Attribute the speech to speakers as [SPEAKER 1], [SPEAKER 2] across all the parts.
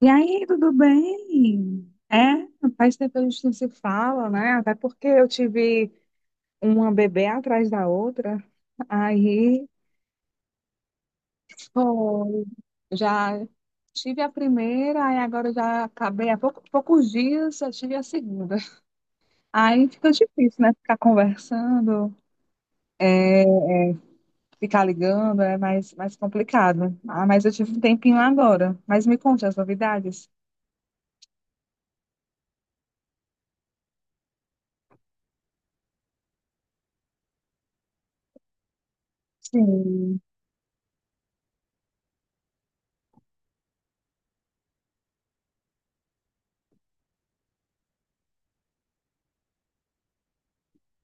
[SPEAKER 1] E aí, tudo bem? Faz tempo que a gente não se fala, né? Até porque eu tive uma bebê atrás da outra. Aí, foi. Já tive a primeira, aí agora eu já acabei há poucos dias, eu tive a segunda. Aí fica difícil, né? Ficar conversando, ficar ligando, é mais complicado. Ah, mas eu tive um tempinho agora. Mas me conte as novidades. Sim.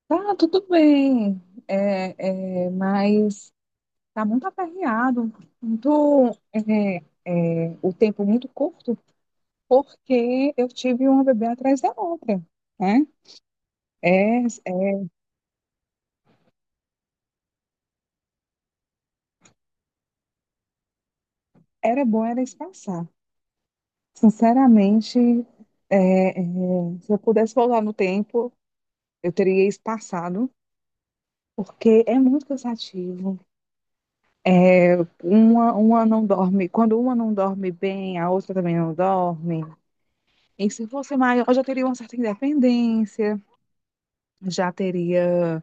[SPEAKER 1] Tá, tudo bem. É, é, mas. Tá muito aperreado, muito, é, o tempo muito curto, porque eu tive uma bebê atrás da outra, né? É, é, era bom era espaçar. Sinceramente, é, é, se eu pudesse voltar no tempo, eu teria espaçado, porque é muito cansativo. É, uma não dorme, quando uma não dorme bem, a outra também não dorme. E se fosse maior, eu já teria uma certa independência, já teria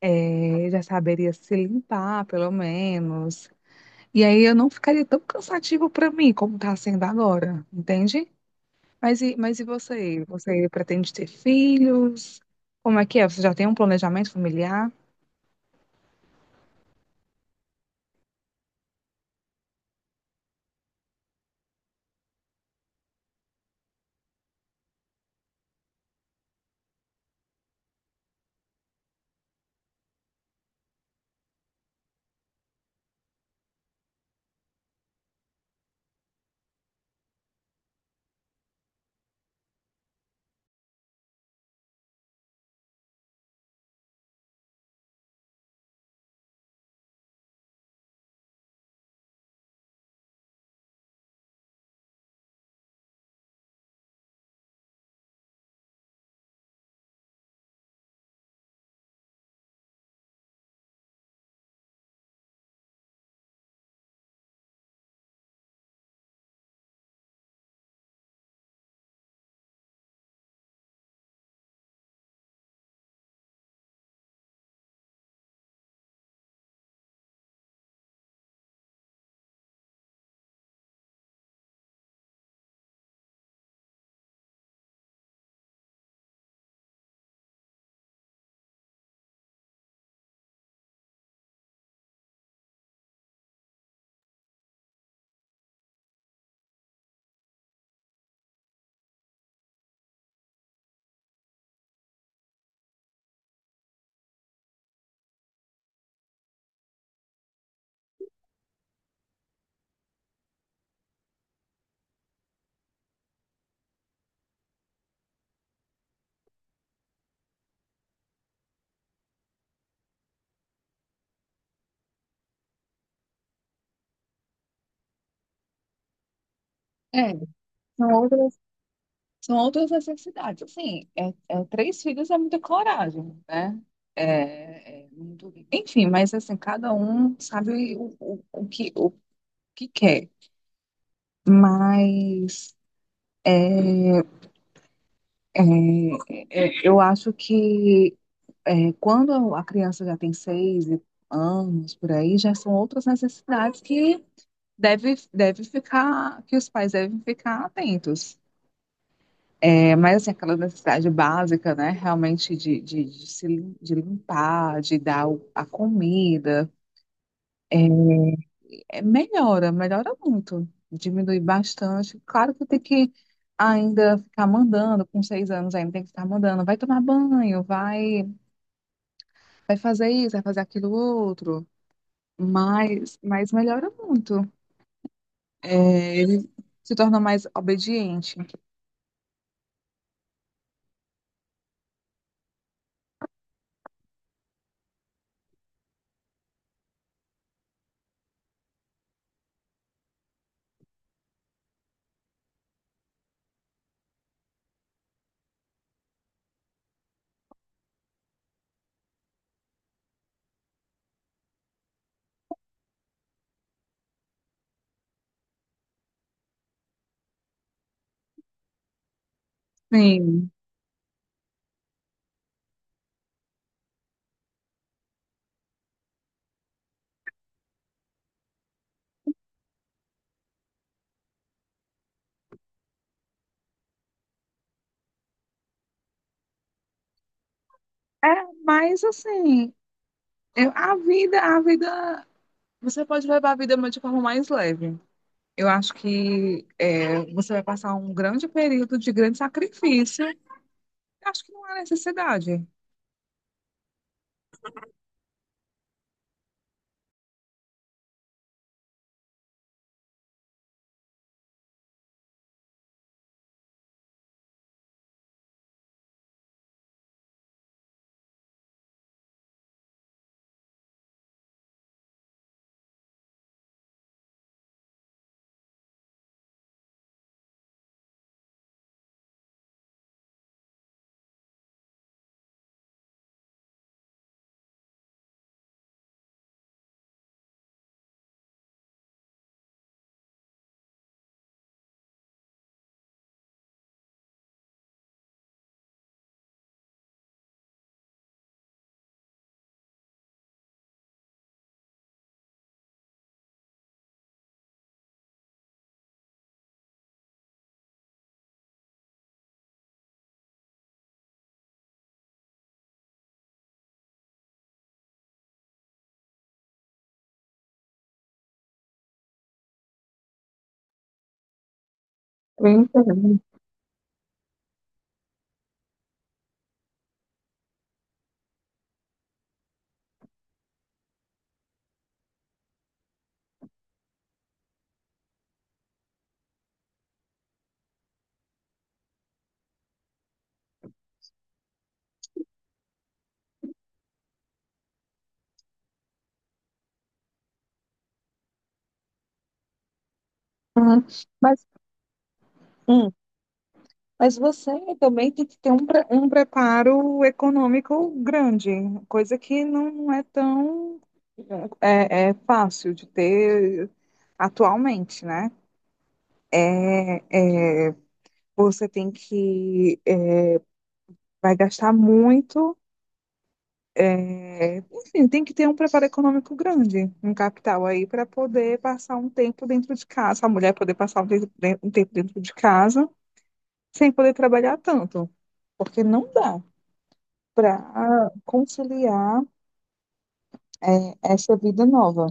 [SPEAKER 1] É, já saberia se limpar, pelo menos. E aí eu não ficaria tão cansativo para mim como está sendo agora, entende? Mas e você? Você pretende ter filhos? Como é que é? Você já tem um planejamento familiar? É, são outras, são outras necessidades. Assim, três filhos é muita coragem, né? É, é muito... Enfim, mas assim, cada um sabe o que quer. Mas É, eu acho que é, quando a criança já tem seis anos, por aí, já são outras necessidades que deve ficar, que os pais devem ficar atentos. É, mas assim, aquela necessidade básica, né? Realmente de se de limpar, de dar a comida, é, melhora muito, diminui bastante. Claro que tem que ainda ficar mandando, com seis anos ainda tem que ficar mandando, vai tomar banho, vai. Vai fazer isso, vai fazer aquilo outro, mas melhora muito. É, ele se torna mais obediente. Sim. É, mas assim, a vida, você pode levar a vida de forma mais leve. Eu acho que é, você vai passar um grande período de grande sacrifício. Eu acho que não há necessidade. Eu entendo. Mas, Mas você também tem que ter um, um preparo econômico grande, coisa que não é tão é, é fácil de ter atualmente, né? É, é, você tem que é, vai gastar muito, é, enfim, tem que ter um preparo econômico grande, um capital aí para poder passar um tempo dentro de casa, a mulher poder passar um tempo dentro de casa sem poder trabalhar tanto, porque não dá. Para conciliar é, essa vida nova.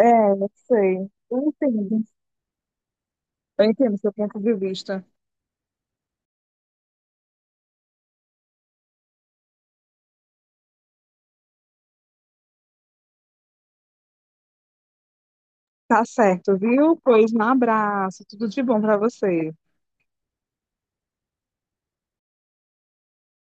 [SPEAKER 1] É, eu sei. Eu entendo. Eu entendo seu ponto de vista. Tá certo, viu? Pois um abraço. Tudo de bom para você.